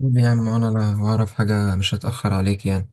قول يا عم، انا لا اعرف حاجة مش هتأخر عليك يعني.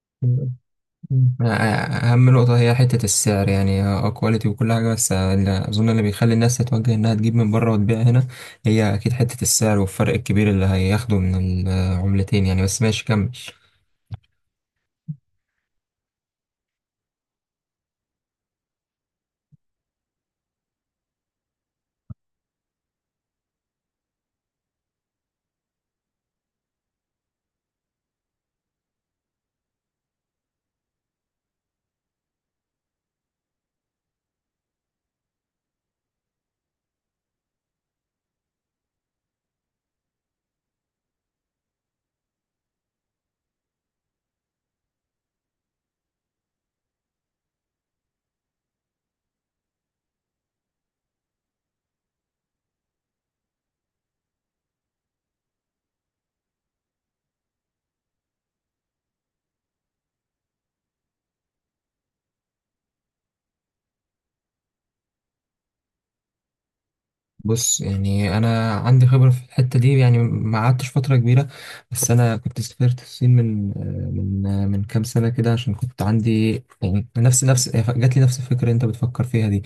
مم. مم. أ- اهم نقطة هي حتة السعر، يعني اه كواليتي وكل حاجة، بس اللي اظن اللي بيخلي الناس تتوجه انها تجيب من بره وتبيع هنا هي اكيد حتة السعر والفرق الكبير اللي هياخده من العملتين يعني. بس ماشي، كمل. بص، يعني انا عندي خبرة في الحتة دي يعني، ما قعدتش فترة كبيرة، بس انا كنت سافرت الصين من كام سنة كده، عشان كنت عندي يعني نفس نفس جات لي نفس الفكرة اللي انت بتفكر فيها دي.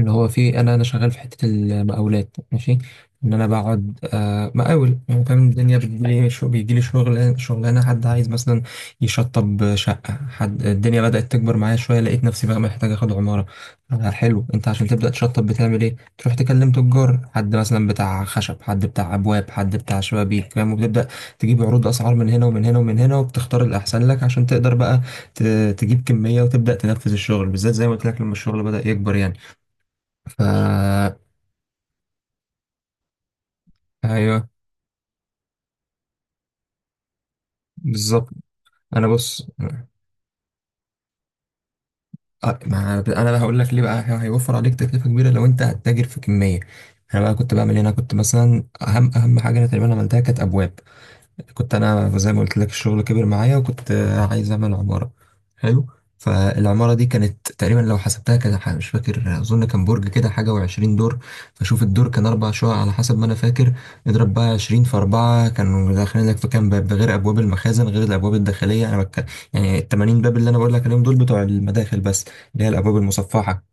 اللي هو في، انا شغال في حته المقاولات، ماشي. ان انا بقعد آه، مقاول يعني، فاهم. الدنيا بتجيلي، شو بيجيلي شغل، شغلانه حد عايز مثلا يشطب شقه، حد الدنيا بدات تكبر معايا شويه، لقيت نفسي بقى محتاج اخد عماره. آه حلو، انت عشان تبدا تشطب بتعمل ايه؟ تروح تكلم تجار، حد مثلا بتاع خشب، حد بتاع ابواب، حد بتاع شبابيك فاهم، وبتبدا تجيب عروض اسعار من هنا ومن هنا ومن هنا، وبتختار الاحسن لك عشان تقدر بقى ت- تجيب كميه وتبدا تنفذ الشغل، بالذات زي ما قلت لك لما الشغل بدا يكبر يعني. فا ايوه بالظبط. انا بص، ما انا بقى هقول لك ليه بقى، هيوفر عليك تكلفه كبيره لو انت هتتاجر في كميه. انا بقى كنت بعمل هنا، كنت مثلا اهم حاجه انا تقريبا عملتها كانت ابواب. كنت انا زي ما قلت لك الشغل كبر معايا، وكنت عايز اعمل عمارة. حلو. فالعمارة دي كانت تقريبا لو حسبتها كده، مش فاكر، اظن كان برج كده حاجة وعشرين دور. فشوف، الدور كان اربع شقق على حسب ما انا فاكر. اضرب بقى عشرين في اربعة، كانوا داخلين لك في كام باب؟ ده غير ابواب المخازن، غير الابواب الداخلية، يعني التمانين باب اللي انا بقول لك عليهم دول بتوع المداخل بس، اللي هي الابواب المصفحة.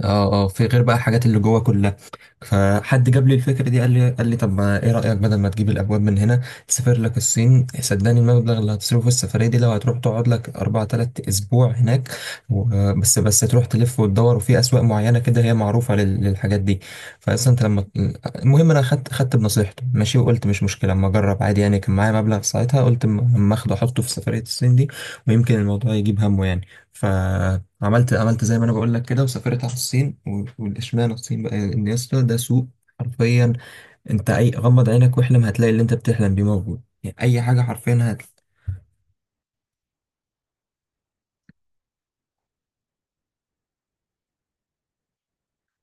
اه اه، في غير بقى الحاجات اللي جوه كلها. فحد جاب لي الفكره دي، قال لي طب، ما ايه رايك بدل ما تجيب الابواب من هنا، تسافر لك الصين؟ صدقني، المبلغ اللي هتصرفه في السفريه دي، لو هتروح تقعد لك اربع تلات اسبوع هناك بس تروح تلف وتدور، وفي اسواق معينه كده هي معروفه للحاجات دي. فاصلا انت لما، المهم انا خدت بنصيحته، ماشي. وقلت مش مشكله اما اجرب عادي يعني، كان معايا مبلغ ساعتها قلت اما اخده احطه في سفريه الصين دي، ويمكن الموضوع يجيب همه يعني. ف عملت زي ما انا بقول لك كده، وسافرت على الصين. والاشمعنى الصين بقى؟ ان يا اسطى، ده سوق حرفيا. انت اي غمض عينك واحلم، هتلاقي اللي انت بتحلم بيه موجود يعني، اي حاجه حرفيا.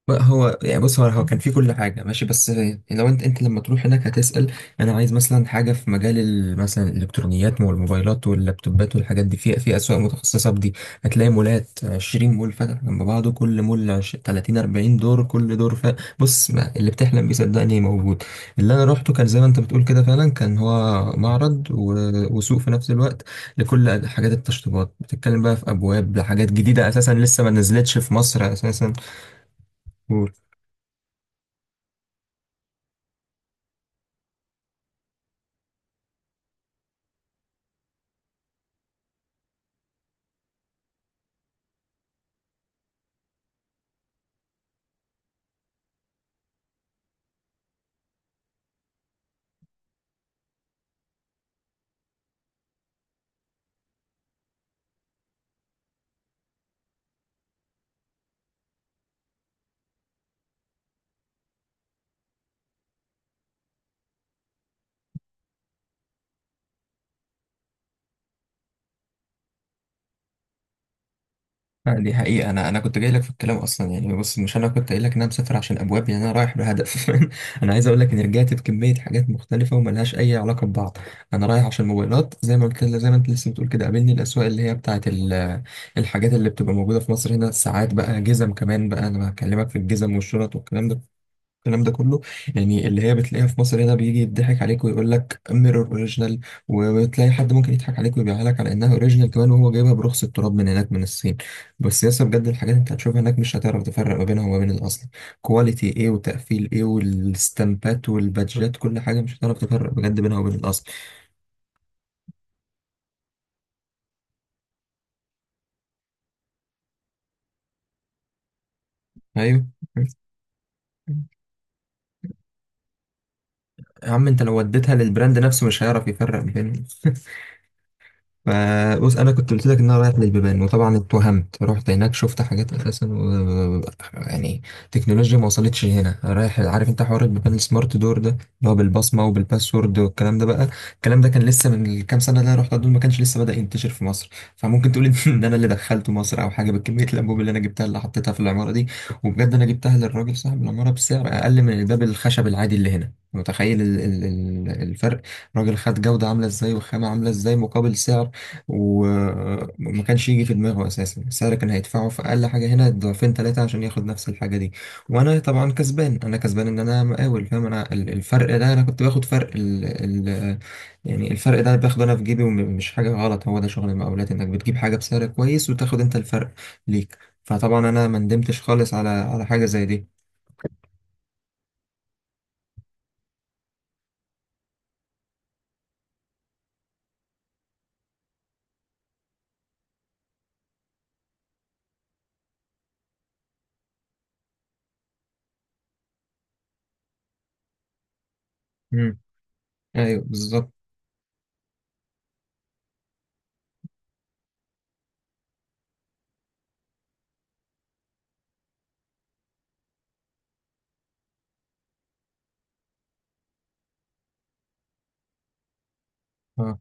بقى هو يعني، بص، هو كان في كل حاجة ماشي، بس لو انت لما تروح هناك، هتسأل انا عايز مثلا حاجة في مجال مثلا الالكترونيات والموبايلات واللابتوبات والحاجات دي، في اسواق متخصصة بدي. هتلاقي مولات، 20 مول فاتح جنب بعضه، كل مول 30 40 دور، كل دور بص، ما اللي بتحلم بيه صدقني موجود. اللي انا روحته كان زي ما انت بتقول كده، فعلا كان هو معرض وسوق في نفس الوقت لكل حاجات التشطيبات. بتتكلم بقى في ابواب لحاجات جديدة، اساسا لسه ما نزلتش في مصر اساسا. آه، دي حقيقة. أنا كنت جاي لك في الكلام أصلا يعني، بص، مش أنا كنت قايل لك إن أنا مسافر عشان أبواب، يعني أنا رايح بهدف. أنا عايز أقول لك إني رجعت بكمية حاجات مختلفة وملهاش أي علاقة ببعض. أنا رايح عشان موبايلات، زي ما قلت، زي ما أنت لسه بتقول كده، قابلني الأسواق اللي هي بتاعة الحاجات اللي بتبقى موجودة في مصر هنا. الساعات بقى، جزم كمان بقى، أنا بكلمك في الجزم والشنط والكلام ده، الكلام ده كله. يعني اللي هي بتلاقيها في مصر هنا، بيجي يضحك عليك ويقول لك ميرور اوريجينال، وبتلاقي حد ممكن يضحك عليك ويبيعها لك على انها اوريجينال كمان، وهو جايبها برخص التراب من هناك من الصين. بس يس بجد، الحاجات اللي انت هتشوفها هناك مش هتعرف تفرق ما بينها وما بين الاصل. كواليتي ايه، وتقفيل ايه، والستامبات والبادجات، كل حاجه مش هتعرف تفرق بجد بينها وبين الاصل. ايوه. يا عم، انت لو وديتها للبراند نفسه مش هيعرف يفرق ما بينهم. آه، بص، انا كنت قلت لك ان انا رايح للبيبان، وطبعا اتوهمت، رحت هناك شفت حاجات اساسا يعني، تكنولوجيا ما وصلتش هنا. رايح عارف انت حوار البيبان السمارت دور ده، اللي هو بالبصمه وبالباسورد والكلام ده بقى. الكلام ده كان لسه من كام سنه، اللي انا رحت دول ما كانش لسه بدأ ينتشر في مصر. فممكن تقول ان انا اللي دخلته مصر، او حاجه، بكميه الانبوب اللي انا جبتها اللي حطيتها في العماره دي. وبجد انا جبتها للراجل صاحب العماره بسعر اقل من الباب الخشب العادي اللي هنا. متخيل الفرق؟ راجل خد جودة عاملة ازاي وخامة عاملة ازاي مقابل سعر. وما كانش يجي في دماغه اساسا، السعر كان هيدفعه في اقل حاجه هنا ضعفين ثلاثه عشان ياخد نفس الحاجه دي. وانا طبعا كسبان، انا كسبان ان انا مقاول، فاهم. انا الفرق ده، انا كنت باخد فرق ال ال يعني الفرق ده باخده انا في جيبي، ومش حاجه غلط. هو ده شغل المقاولات، انك بتجيب حاجه بسعر كويس، وتاخد انت الفرق ليك. فطبعا انا ما ندمتش خالص على حاجه زي دي. امم. ايوه بالظبط. اه.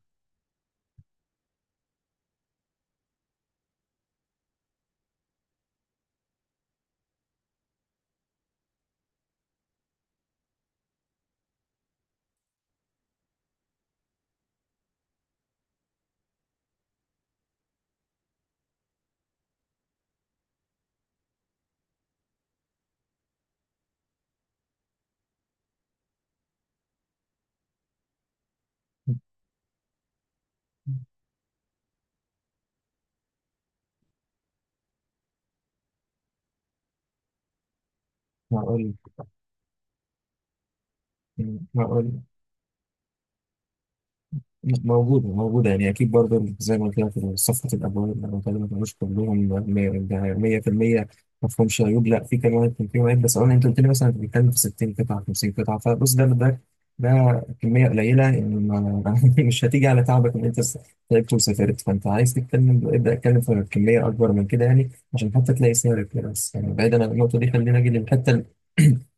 هقول هقول. موجودة موجودة يعني، أكيد برضه، زي ما قلت لك في صفحة الأبواب، أنا بكلمك مش كلهم، ده 100% ما فيهمش عيوب. لا، في كمان كان في عيب، بس أنا أنت قلت لي مثلا، أنت بتتكلم في 60 قطعة 50 قطعة، فبص، ده كمية قليلة يعني، ما مش هتيجي على تعبك إن أنت تعبت وسافرت. فأنت عايز تتكلم، ابدأ اتكلم في كمية أكبر من كده يعني عشان حتى تلاقي سعر كويس. يعني بعيدا عن النقطة دي، خلينا نجي للحتة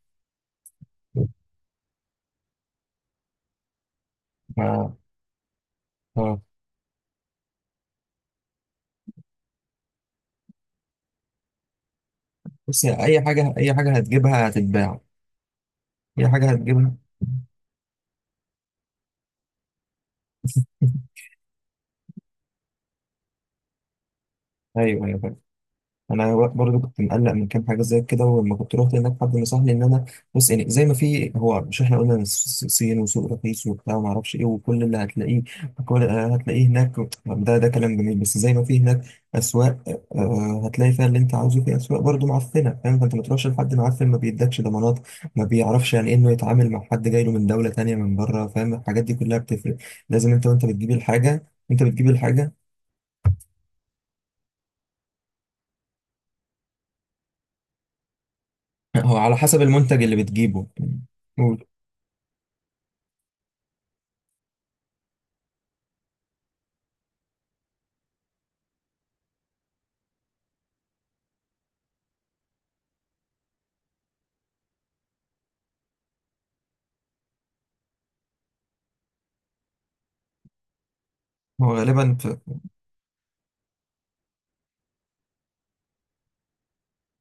ما- آه. بص، أي حاجة، أي حاجة هتجيبها هتتباع. أي حاجة هتجيبها. ايوه ايوه فاهم. انا برضو كنت مقلق من كام حاجه زي كده، ولما كنت رحت هناك حد نصحني ان انا، بص يعني، زي ما في، هو مش احنا قلنا إن الصين وسوق رخيص وبتاع وما اعرفش ايه، وكل اللي هتلاقيه، كل آه، هتلاقيه هناك. ده كلام جميل، بس زي ما في هناك اسواق، آه، هتلاقي فيها اللي انت عاوزه، في اسواق برضو معفنه فاهم. فانت ما تروحش لحد معفن ما بيدكش ضمانات، ما بيعرفش يعني إيه انه يتعامل مع حد جاي له من دوله تانيه من بره فاهم. الحاجات دي كلها بتفرق. لازم انت، وانت بتجيب الحاجه، انت بتجيب الحاجه، هو على حسب المنتج اللي بتجيبه. قول. هو غالبا في.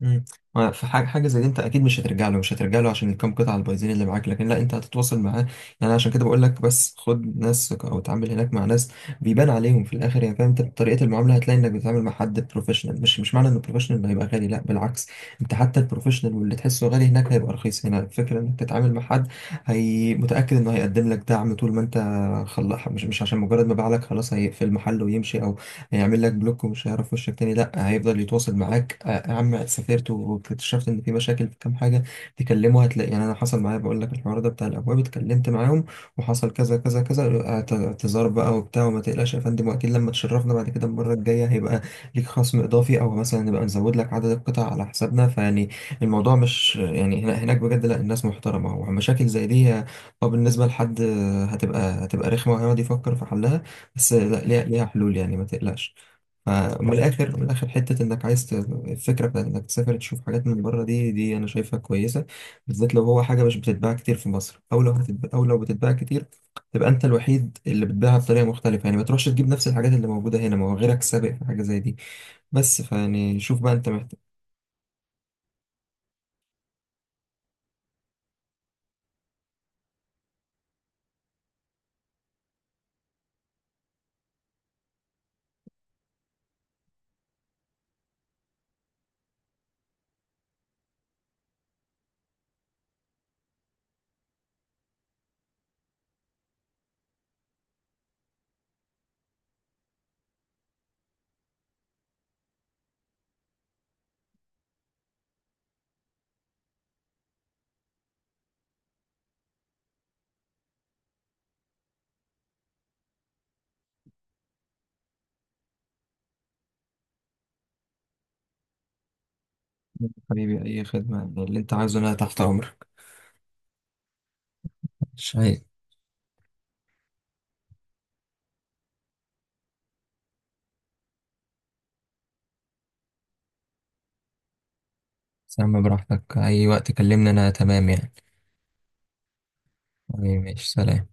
مم. ما في حاجة زي دي، انت اكيد مش هترجع له، مش هترجع له عشان الكام قطعة البايظين اللي معاك، لكن لا، انت هتتواصل معاه. يعني عشان كده بقول لك، بس خد ناس او اتعامل هناك مع ناس بيبان عليهم في الاخر يعني، فاهم. انت طريقة المعاملة هتلاقي انك بتتعامل مع حد بروفيشنال، مش معنى ان البروفيشنال هيبقى غالي، لا بالعكس، انت حتى البروفيشنال واللي تحسه غالي هناك هيبقى رخيص هنا. الفكرة انك تتعامل مع حد هي متأكد انه هيقدم لك دعم طول ما انت خلص، مش عشان مجرد ما باع لك خلاص هيقفل المحل ويمشي، هيعمل لك بلوك ومش هيعرف وشك تاني. لا، هيفضل يتواصل معاك، آه، يا عم سافرت واكتشفت ان في مشاكل في كام حاجه، تكلمه هتلاقي يعني. انا حصل معايا، بقول لك الحوار ده بتاع الابواب، اتكلمت معاهم وحصل كذا كذا كذا، اعتذار بقى وبتاع، وما تقلقش يا فندم، واكيد لما تشرفنا بعد كده المره الجايه هيبقى ليك خصم اضافي، او مثلا نبقى نزود لك عدد القطع على حسابنا، فيعني الموضوع مش يعني هناك بجد، لا الناس محترمه. ومشاكل زي دي اه، بالنسبه لحد هتبقى رخمه وهيقعد يفكر في حلها، بس لا، ليها حلول يعني، ما تقلقش. فمن الاخر، من الاخر، حته انك عايز الفكره بتاعت انك تسافر تشوف حاجات من بره، دي انا شايفها كويسه. بالذات لو هو حاجه مش بتتباع كتير في مصر، او لو هتتباع، او لو بتتباع كتير، تبقى انت الوحيد اللي بتبيعها بطريقه مختلفه يعني. ما تروحش تجيب نفس الحاجات اللي موجوده هنا، ما هو غيرك سابق في حاجه زي دي بس. فيعني شوف بقى، انت محتاج. حبيبي، اي خدمه، اللي انت عايزه انا تحت امرك. شيء. سام براحتك، اي وقت كلمني انا تمام يعني. حبيبي، ماشي، سلام.